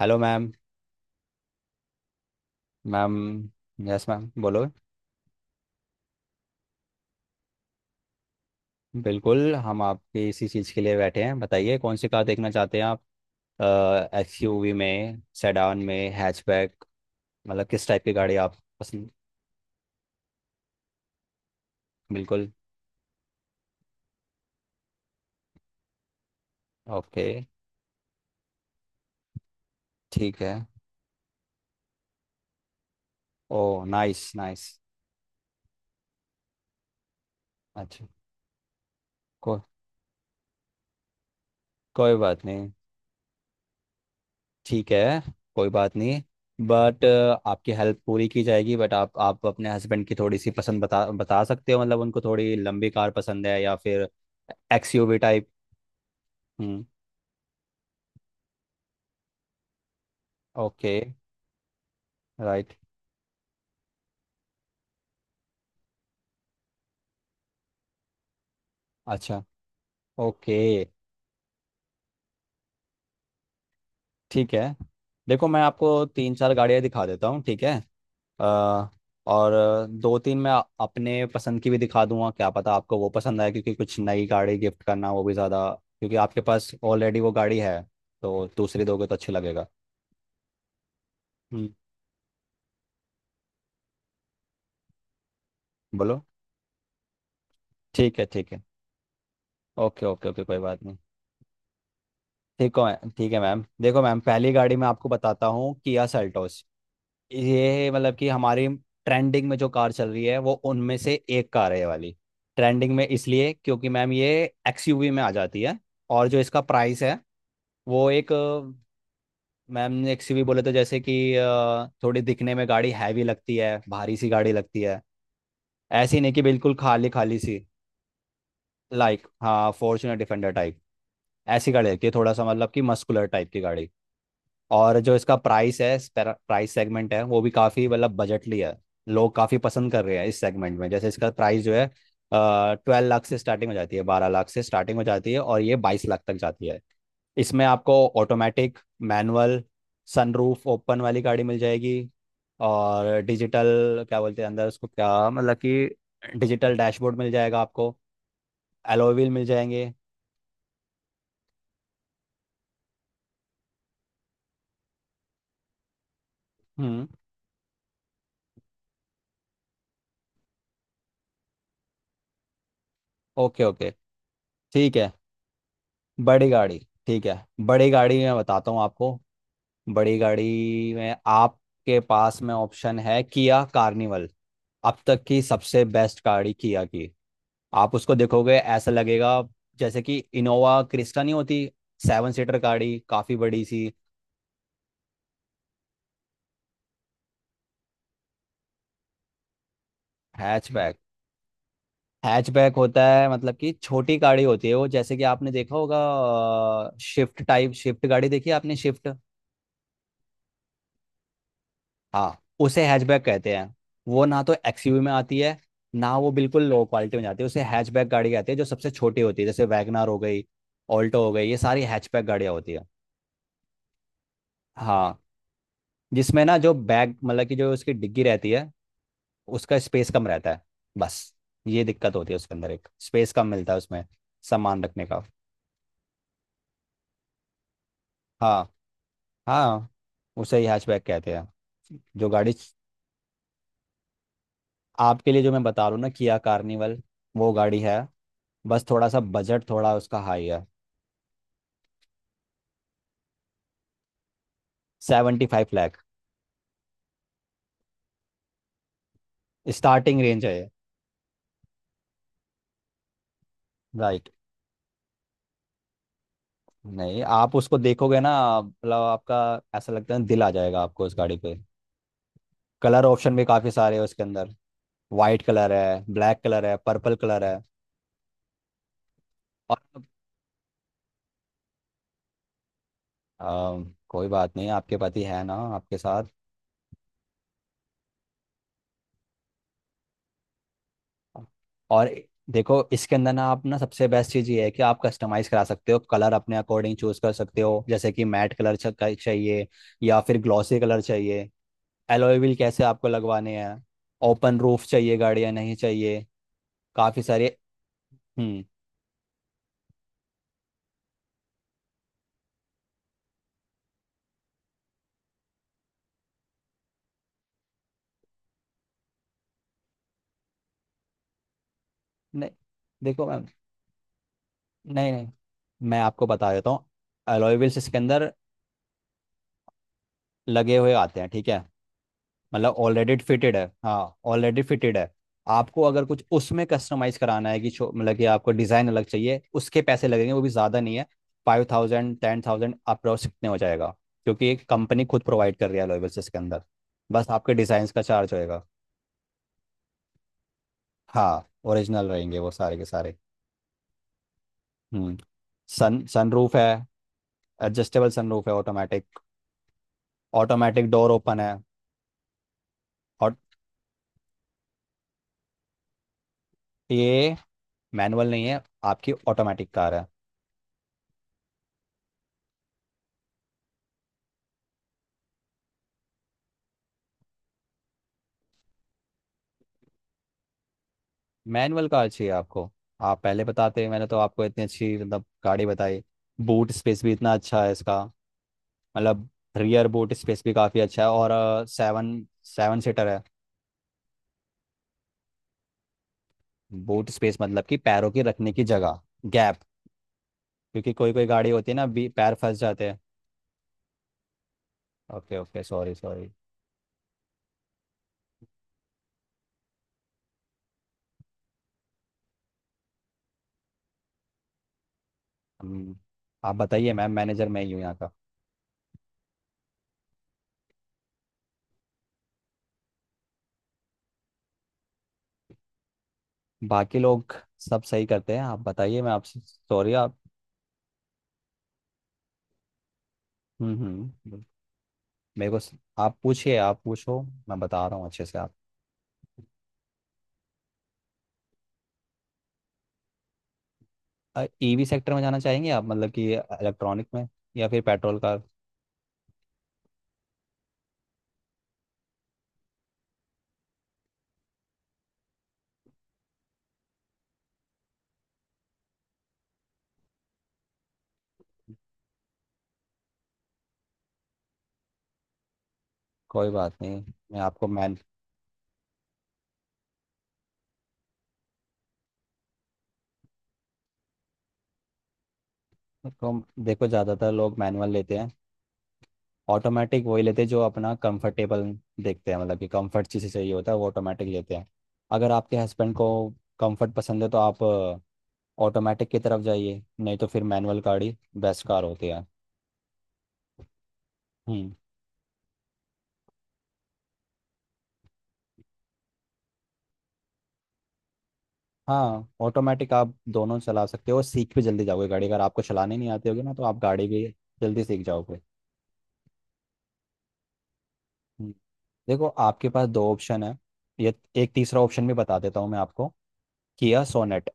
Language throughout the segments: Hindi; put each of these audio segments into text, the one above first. Hello ma'am. Ma'am. Yes ma'am, बोलो। बिल्कुल, हम आपके इसी चीज़ के लिए बैठे हैं, बताइए कौन सी कार देखना चाहते हैं आप। एसयूवी में, सेडान में, हैचबैक, मतलब किस टाइप की गाड़ी आप पसंद। बिल्कुल। ओके। ठीक है। Oh, nice nice. अच्छा। को, कोई बात नहीं। ठीक है, कोई बात नहीं, बट आपकी हेल्प पूरी की जाएगी। बट आप अपने हस्बैंड की थोड़ी सी पसंद बता बता सकते हो, मतलब उनको थोड़ी लंबी कार पसंद है या फिर एक्स। हम्म। ओके। राइट। अच्छा। ओके। ठीक है, देखो मैं आपको तीन चार गाड़ियाँ दिखा देता हूँ, ठीक है। अ, और दो तीन मैं अपने पसंद की भी दिखा दूंगा, क्या पता आपको वो पसंद आए, क्योंकि कुछ नई गाड़ी गिफ्ट करना वो भी ज़्यादा। क्योंकि आपके पास ऑलरेडी वो गाड़ी है तो दूसरी दोगे तो अच्छा लगेगा। हम्म। बोलो। ठीक है ठीक है। ओके ओके ओके, कोई बात नहीं। ठीक है ठीक है मैम। देखो मैम, पहली गाड़ी मैं आपको बताता हूँ, किया सेल्टोस। ये मतलब कि हमारी ट्रेंडिंग में जो कार चल रही है, वो उनमें से एक कार है, ये वाली। ट्रेंडिंग में इसलिए क्योंकि मैम ये एक्सयूवी में आ जाती है। और जो इसका प्राइस है वो एक मैम, एक्सयूवी बोले तो जैसे कि थोड़ी दिखने में गाड़ी हैवी लगती है, भारी सी गाड़ी लगती है, ऐसी नहीं कि बिल्कुल खाली खाली सी। लाइक हाँ, फॉर्च्यूनर डिफेंडर टाइप ऐसी गाड़ी लगती है, थोड़ा सा मतलब कि मस्कुलर टाइप की गाड़ी। और जो इसका प्राइस है, प्राइस सेगमेंट है, वो भी काफ़ी मतलब बजटली है। लोग काफ़ी पसंद कर रहे हैं इस सेगमेंट में। जैसे इसका प्राइस जो है 12 लाख से स्टार्टिंग हो जाती है, 12 लाख से स्टार्टिंग हो जाती है, और ये 22 लाख तक जाती है। इसमें आपको ऑटोमेटिक, मैनुअल, सनरूफ ओपन वाली गाड़ी मिल जाएगी। और डिजिटल क्या बोलते हैं अंदर उसको क्या, मतलब कि डिजिटल डैशबोर्ड मिल जाएगा आपको। एलॉय व्हील मिल जाएंगे। हम्म। Okay okay. ठीक है, बड़ी गाड़ी। ठीक है, बड़ी गाड़ी में बताता हूँ आपको। बड़ी गाड़ी में आपके पास में ऑप्शन है किया कार्निवल। अब तक की सबसे बेस्ट गाड़ी किया की। आप उसको देखोगे ऐसा लगेगा जैसे कि इनोवा क्रिस्टा नहीं होती, 7 सीटर गाड़ी, काफी बड़ी सी। हैचबैक। हैचबैक होता है मतलब कि छोटी गाड़ी होती है वो, जैसे कि आपने देखा होगा शिफ्ट टाइप, शिफ्ट गाड़ी देखी है आपने, शिफ्ट। हाँ, उसे हैचबैक कहते हैं। वो ना तो एक्सयूवी में आती है, ना वो बिल्कुल लो क्वालिटी में जाती है। उसे हैचबैक गाड़ी कहते हैं जो सबसे छोटी होती है, जैसे वैगनार हो गई, ऑल्टो हो गई, ये सारी हैचबैक गाड़ियाँ होती है। हाँ। जिसमें ना जो बैग मतलब कि जो उसकी डिग्गी रहती है, उसका स्पेस कम रहता है, बस ये दिक्कत होती है उसके अंदर, एक स्पेस कम मिलता है उसमें सामान रखने का। हाँ हाँ। उसे ही हैचबैक कहते हैं जो गाड़ी। आपके लिए जो मैं बता रहा हूँ ना, किया कार्निवल वो गाड़ी है। बस थोड़ा सा बजट थोड़ा उसका हाई है। 75 लाख स्टार्टिंग रेंज है। राइट। नहीं, आप उसको देखोगे ना, मतलब आपका ऐसा लगता है दिल आ जाएगा आपको उस गाड़ी पे। कलर ऑप्शन भी काफ़ी सारे हैं उसके अंदर, वाइट कलर है, ब्लैक कलर है, पर्पल कलर है। और कोई बात नहीं, आपके पति है ना आपके साथ। और देखो इसके अंदर ना, आप ना सबसे बेस्ट चीज़ ये है कि आप कस्टमाइज करा सकते हो कलर, अपने अकॉर्डिंग चूज कर सकते हो, जैसे कि मैट कलर चाहिए या फिर ग्लॉसी कलर चाहिए, एलॉय व्हील कैसे आपको लगवाने हैं, ओपन रूफ चाहिए गाड़ी या नहीं चाहिए। काफ़ी सारे। हम्म। नहीं, देखो मैम। नहीं नहीं, मैं आपको बता देता हूँ, एलॉय व्हील्स इसके अंदर लगे हुए आते हैं, ठीक है। मतलब ऑलरेडी फिटेड है, हाँ, ऑलरेडी फिटेड है। आपको अगर कुछ उसमें कस्टमाइज कराना है कि मतलब कि आपको डिज़ाइन अलग चाहिए, उसके पैसे लगेंगे वो भी ज़्यादा नहीं है। 5,000 10,000 अप्रोक्स इतने हो जाएगा, क्योंकि कंपनी खुद प्रोवाइड कर रही है एलॉय व्हील्स इसके अंदर। बस आपके डिज़ाइन का चार्ज होएगा। हाँ, ओरिजिनल रहेंगे वो सारे के सारे। हम्म। सन सनरूफ है, एडजस्टेबल सनरूफ है, ऑटोमेटिक। ऑटोमेटिक डोर ओपन है। और ये मैनुअल नहीं है, आपकी ऑटोमेटिक कार है। मैनुअल कार चाहिए आपको? आप पहले बताते, मैंने तो आपको इतनी अच्छी मतलब गाड़ी बताई। बूट स्पेस भी इतना अच्छा है इसका, मतलब रियर बूट स्पेस भी काफ़ी अच्छा है। और सेवन 7 सीटर है। बूट स्पेस मतलब कि पैरों की रखने की जगह, गैप, क्योंकि कोई कोई गाड़ी होती है ना बी पैर फंस जाते हैं। Okay okay, sorry sorry. हम्म, आप बताइए मैम, मैनेजर मैं ही हूँ यहाँ का। बाकी लोग सब सही करते हैं। आप बताइए, मैं आपसे सॉरी, आप। हम्म। आप पूछिए, आप पूछो, मैं बता रहा हूँ अच्छे से आप। ईवी सेक्टर में जाना चाहेंगे आप, मतलब कि इलेक्ट्रॉनिक में, या फिर पेट्रोल कार। कोई बात नहीं। मैं आपको मैन तो देखो ज़्यादातर लोग मैनुअल लेते हैं। ऑटोमेटिक वही लेते हैं जो अपना कंफर्टेबल देखते हैं, मतलब कि कंफर्ट जिसे चाहिए होता है वो ऑटोमेटिक लेते हैं। अगर आपके हस्बैंड को कंफर्ट पसंद है तो आप ऑटोमेटिक की तरफ जाइए, नहीं तो फिर मैनुअल कार ही बेस्ट कार होती है। हम्म। हाँ, ऑटोमेटिक आप दोनों चला सकते हो, सीख भी जल्दी जाओगे गाड़ी, अगर आपको चलाने नहीं आती होगी ना, तो आप गाड़ी भी जल्दी सीख जाओगे। हम्म, देखो आपके पास दो ऑप्शन है ये। एक तीसरा ऑप्शन भी बता देता हूँ मैं आपको, किया सोनेट।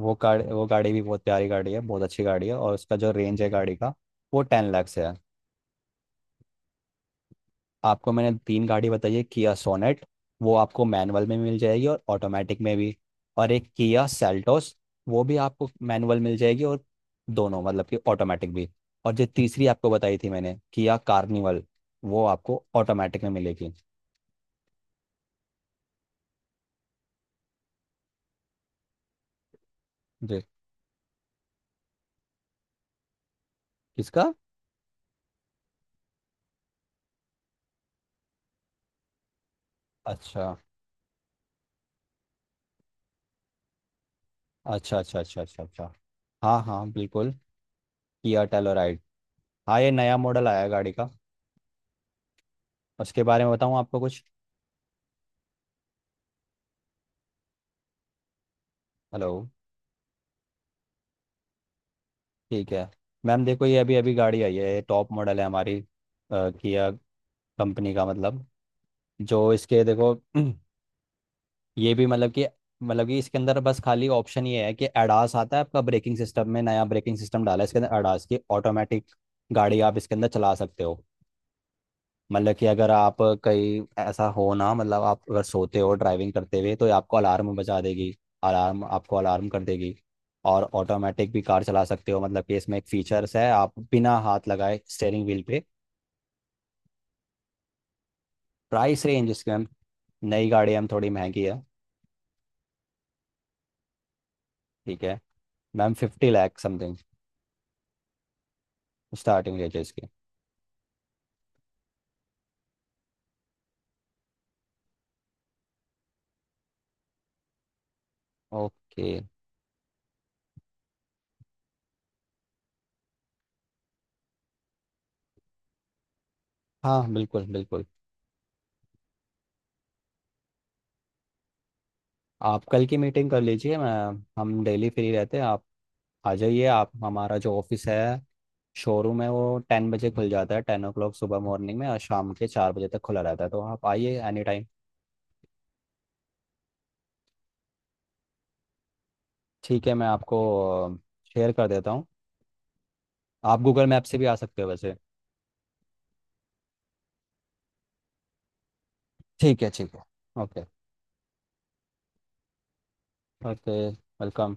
वो गाड़ी भी बहुत प्यारी गाड़ी है, बहुत अच्छी गाड़ी है। और उसका जो रेंज है गाड़ी का, वो 10 lakhs है। आपको मैंने तीन गाड़ी बताई है। किया सोनेट, वो आपको मैनुअल में मिल जाएगी और ऑटोमेटिक में भी। और एक किया सेल्टोस, वो भी आपको मैनुअल मिल जाएगी और दोनों मतलब कि ऑटोमेटिक भी। और जो तीसरी आपको बताई थी मैंने, किया कार्निवल, वो आपको ऑटोमेटिक में मिलेगी। जी, किसका? अच्छा अच्छा अच्छा अच्छा अच्छा अच्छा। हाँ हाँ, बिल्कुल। किया टेलोराइड, हाँ, ये नया मॉडल आया है गाड़ी का। उसके बारे में बताऊँ आपको कुछ। हेलो? ठीक है मैम, देखो ये अभी अभी गाड़ी आई है, ये टॉप मॉडल है हमारी किया कंपनी का। मतलब जो इसके देखो ये भी मतलब कि, इसके अंदर बस खाली ऑप्शन ये है कि एडास आता है आपका ब्रेकिंग सिस्टम में, नया ब्रेकिंग सिस्टम डाला है इसके अंदर एडास की। ऑटोमेटिक गाड़ी आप इसके अंदर चला सकते हो। मतलब कि अगर आप कहीं ऐसा हो ना, मतलब आप अगर सोते हो ड्राइविंग करते हुए तो ये आपको अलार्म बजा देगी। अलार्म आपको अलार्म कर देगी। और ऑटोमेटिक भी कार चला सकते हो, मतलब कि इसमें एक फीचर्स है, आप बिना हाथ लगाए स्टेयरिंग व्हील पे। प्राइस रेंज इसकी मैम, नई गाड़ी है, मैम, थोड़ी महंगी है। ठीक है ma'am, 50 lakh something starting range है इसकी। ओके। हाँ बिल्कुल बिल्कुल। आप कल की मीटिंग कर लीजिए, मैं, हम डेली फ्री रहते हैं। आप आ जाइए, आप हमारा जो ऑफिस है, शोरूम है, वो 10 बजे खुल जाता है, 10 o'clock सुबह मॉर्निंग में, और शाम के 4 बजे तक खुला रहता है, तो आप आइए एनी टाइम। ठीक है, मैं आपको शेयर कर देता हूँ। आप गूगल मैप से भी आ सकते हो वैसे। ठीक है ठीक है। ओके। Okay, welcome.